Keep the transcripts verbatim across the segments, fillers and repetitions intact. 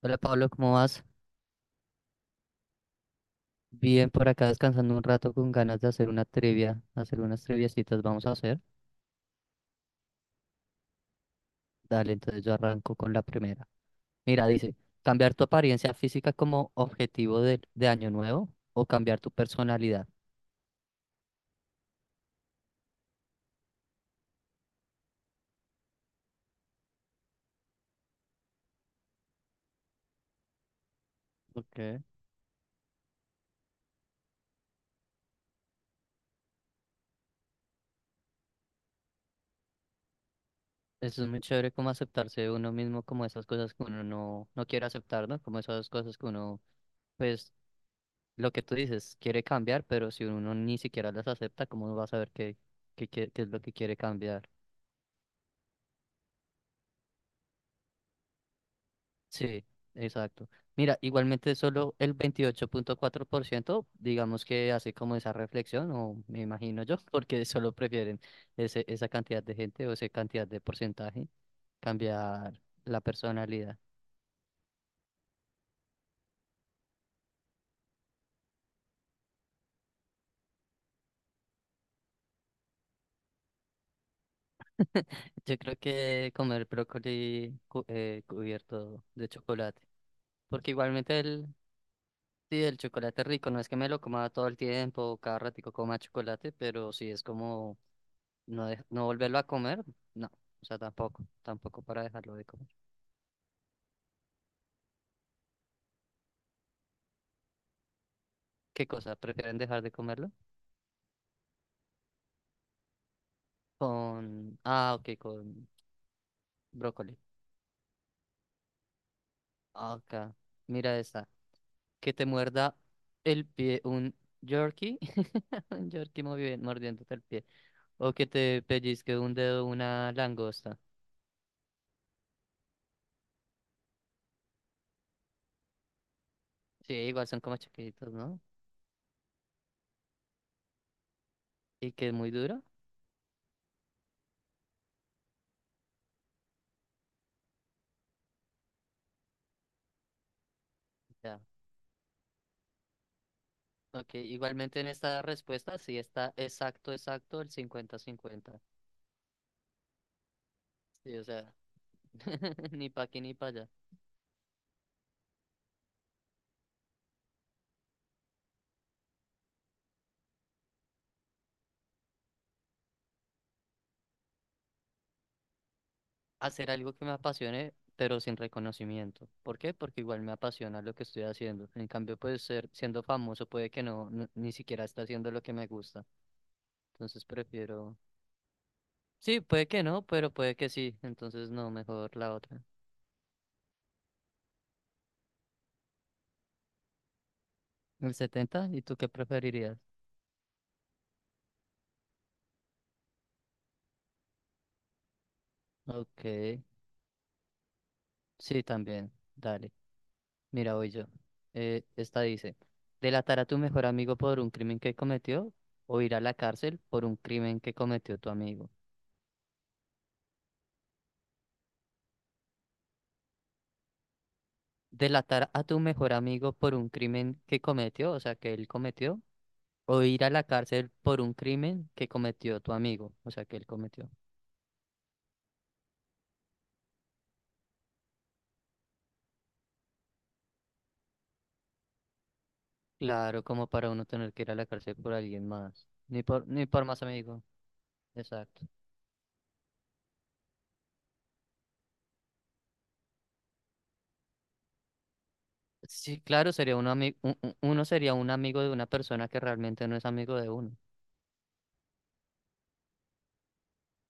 Hola Pablo, ¿cómo vas? Bien, por acá descansando un rato con ganas de hacer una trivia, hacer unas triviacitas vamos a hacer. Dale, entonces yo arranco con la primera. Mira, dice, ¿cambiar tu apariencia física como objetivo de, de año nuevo o cambiar tu personalidad? Okay. Eso es muy chévere como aceptarse uno mismo, como esas cosas que uno no, no quiere aceptar, ¿no? Como esas cosas que uno, pues, lo que tú dices, quiere cambiar, pero si uno ni siquiera las acepta, ¿cómo uno va a saber qué, qué, qué qué es lo que quiere cambiar? Sí, exacto. Mira, igualmente solo el veintiocho punto cuatro por ciento, digamos que hace como esa reflexión, o me imagino yo, porque solo prefieren ese, esa cantidad de gente o esa cantidad de porcentaje cambiar la personalidad. Yo creo que comer brócoli cu- eh, cubierto de chocolate, porque igualmente el, sí, el chocolate es rico, no es que me lo coma todo el tiempo, cada ratico coma chocolate, pero sí es como no, de- no volverlo a comer, no. O sea, tampoco, tampoco para dejarlo de comer. ¿Qué cosa? ¿Prefieren dejar de comerlo? Con... ah, ok, con brócoli. Acá, mira esta. Que te muerda el pie un jerky. Un Yorkie movi- mordiéndote el pie. O que te pellizque un dedo una langosta. Sí, igual son como chiquitos, ¿no? Y que es muy duro. Ya. Ok, igualmente en esta respuesta sí está exacto, exacto el cincuenta cincuenta. Sí, o sea. Ni para aquí ni para allá. Hacer algo que me apasione, pero sin reconocimiento. ¿Por qué? Porque igual me apasiona lo que estoy haciendo. En cambio, pues ser, siendo famoso puede que no, no- ni siquiera está haciendo lo que me gusta. Entonces prefiero... Sí, puede que no, pero puede que sí. Entonces no, mejor la otra. El setenta. ¿Y tú qué preferirías? Ok, sí, también. Dale. Mira, voy yo. Eh, esta dice, ¿delatar a tu mejor amigo por un crimen que cometió o ir a la cárcel por un crimen que cometió tu amigo? Delatar a tu mejor amigo por un crimen que cometió, o sea, que él cometió, o ir a la cárcel por un crimen que cometió tu amigo, o sea, que él cometió. Claro, como para uno tener que ir a la cárcel por alguien más, ni por, ni por más amigo. Exacto. Sí, claro, sería un ami- u- u- uno sería un amigo de una persona que realmente no es amigo de uno.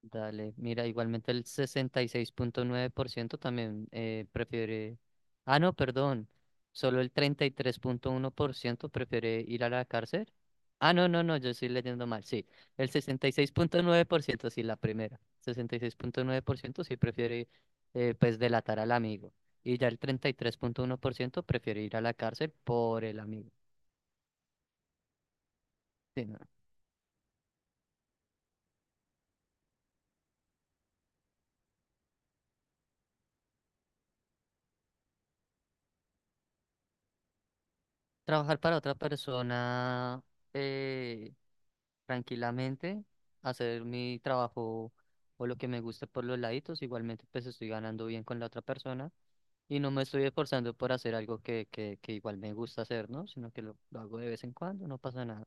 Dale, mira, igualmente el sesenta y seis punto nueve por ciento también eh, prefiere... Ah, no, perdón. Solo el treinta y tres punto uno por ciento prefiere ir a la cárcel. Ah, no, no, no, yo estoy leyendo mal. Sí, el sesenta y seis punto nueve por ciento sí, la primera. Sesenta y seis punto nueve por ciento sí prefiere, eh, pues, delatar al amigo. Y ya el treinta y tres punto uno por ciento prefiere ir a la cárcel por el amigo. Sí, no. Trabajar para otra persona. eh, tranquilamente, hacer mi trabajo o lo que me guste por los laditos. Igualmente, pues estoy ganando bien con la otra persona y no me estoy esforzando por hacer algo que, que, que igual me gusta hacer, ¿no? Sino que lo, lo hago de vez en cuando, no pasa nada.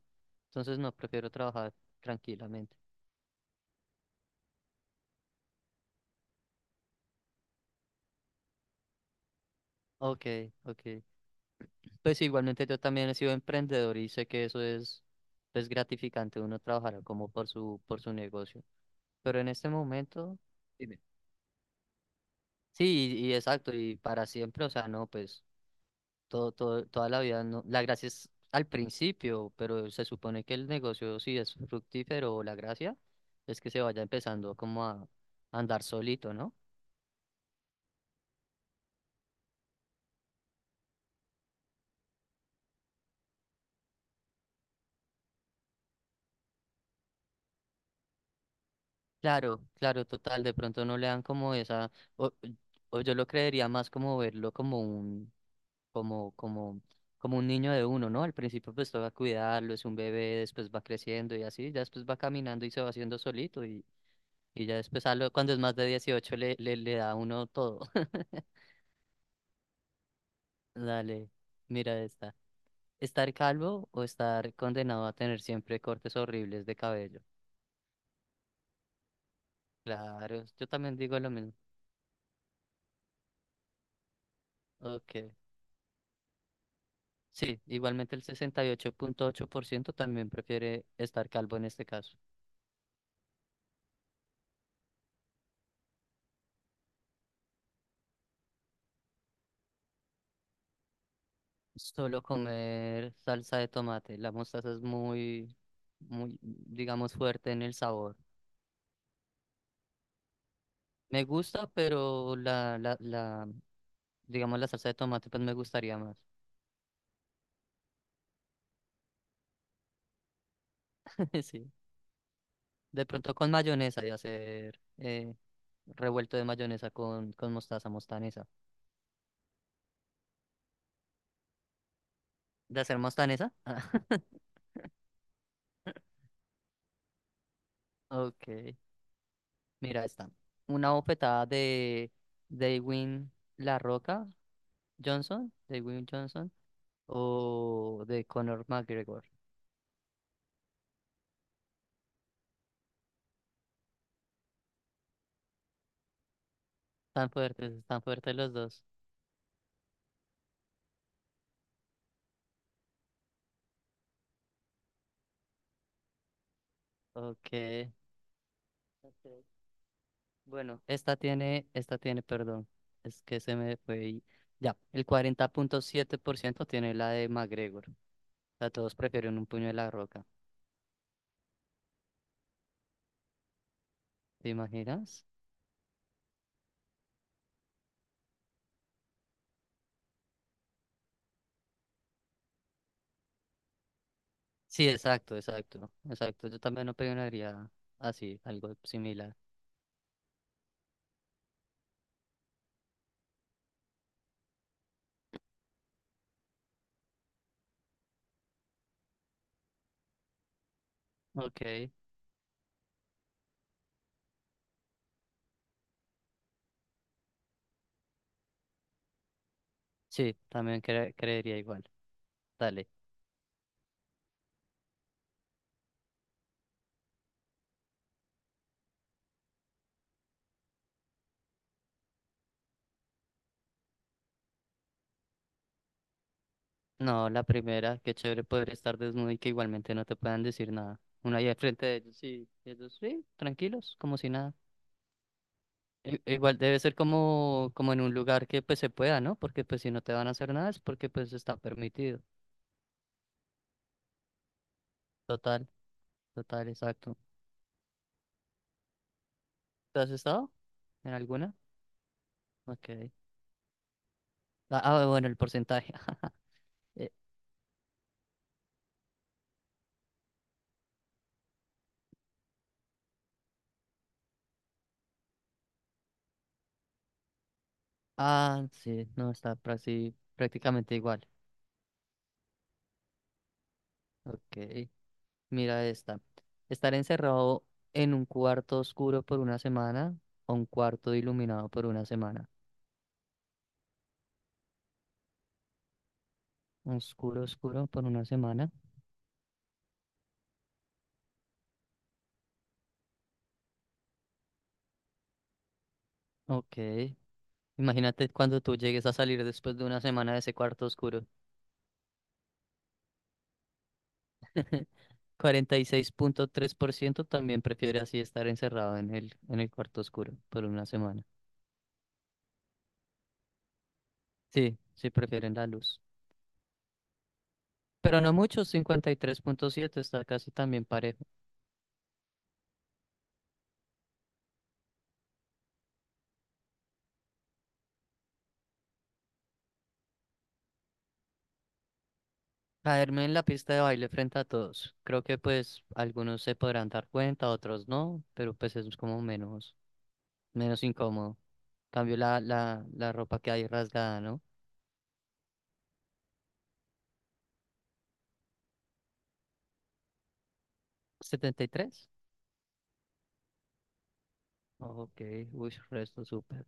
Entonces, no, prefiero trabajar tranquilamente. Ok, ok. Pues igualmente yo también he sido emprendedor y sé que eso es pues gratificante uno trabajar como por su por su negocio. Pero en este momento, dime. Sí, y, y exacto, y para siempre, o sea, no, pues todo, todo, toda la vida, no, la gracia es al principio, pero se supone que el negocio si es fructífero, la gracia es que se vaya empezando como a a andar solito, ¿no? Claro, claro, total, de pronto no le dan como esa, o, o yo lo creería más como verlo como un, como, como, como un niño de uno, ¿no? Al principio pues toca cuidarlo, es un bebé, después va creciendo y así, ya después va caminando y se va haciendo solito y, y ya después a lo- cuando es más de dieciocho le, le, le da a uno todo. Dale, mira esta. ¿Estar calvo o estar condenado a tener siempre cortes horribles de cabello? Claro, yo también digo lo mismo. Ok. Sí, igualmente el sesenta y ocho ocho punto ocho por ciento también prefiere estar calvo en este caso. Solo comer salsa de tomate. La mostaza es muy, muy, digamos, fuerte en el sabor. Me gusta, pero la, la, la, digamos, la salsa de tomate, pues me gustaría más. Sí. De pronto con mayonesa y hacer eh, revuelto de mayonesa con, con mostaza, mostanesa. ¿De hacer mostanesa? Ah. Ok, mira esta. Una bofetada de Dwayne La Roca Johnson, Dwayne Johnson, o de Conor McGregor. Están fuertes, están fuertes los dos. Ok. Ok. Bueno, esta tiene, esta tiene, perdón, es que se me fue ahí. Ya, el cuarenta punto siete por ciento tiene la de McGregor. O sea, todos prefieren un puño de La Roca. ¿Te imaginas? Sí, exacto, exacto, exacto. Yo también opinaría así, algo similar. Ok, sí, también cre- creería igual. Dale. No, la primera, qué chévere poder estar desnudo y que igualmente no te puedan decir nada. Uno ahí al frente de ellos y ellos, sí, tranquilos, como si nada. I- igual debe ser como, como en un lugar que pues se pueda, ¿no? Porque pues si no te van a hacer nada es porque pues está permitido. Total, total, exacto. ¿Te has estado en alguna? Ok. Ah, ah, bueno, el porcentaje. Ah, sí, no, está prasi- prácticamente igual. Ok, mira esta. Estar encerrado en un cuarto oscuro por una semana o un cuarto iluminado por una semana. Oscuro, oscuro por una semana. Ok, imagínate cuando tú llegues a salir después de una semana de ese cuarto oscuro. Cuarenta y seis punto tres por ciento también prefiere así estar encerrado en el, en el cuarto oscuro por una semana. Sí, sí prefieren la luz. Pero no muchos, cincuenta y tres punto siete está casi también parejo. Caerme en la pista de baile frente a todos. Creo que pues algunos se podrán dar cuenta, otros no, pero pues es como menos, menos incómodo. Cambio la, la, la ropa que hay rasgada, ¿no? Setenta y tres. Ok, uy, resto súper.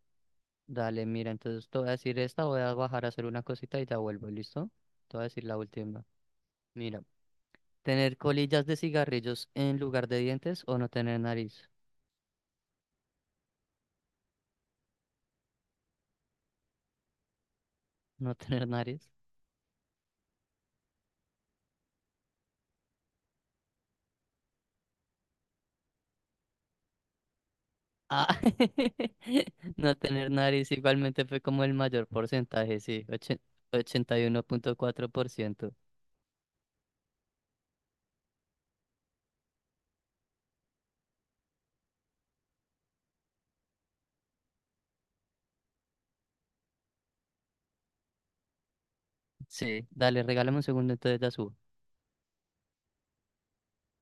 Dale, mira, entonces te voy a decir esta, voy a bajar a hacer una cosita y ya vuelvo, ¿listo? Te voy a decir la última. Mira, tener colillas de cigarrillos en lugar de dientes o no tener nariz. No tener nariz. Ah, no tener nariz igualmente fue como el mayor porcentaje, sí, ochen- ochenta y uno punto cuatro por ciento. Sí, dale, regálame un segundo, entonces la subo.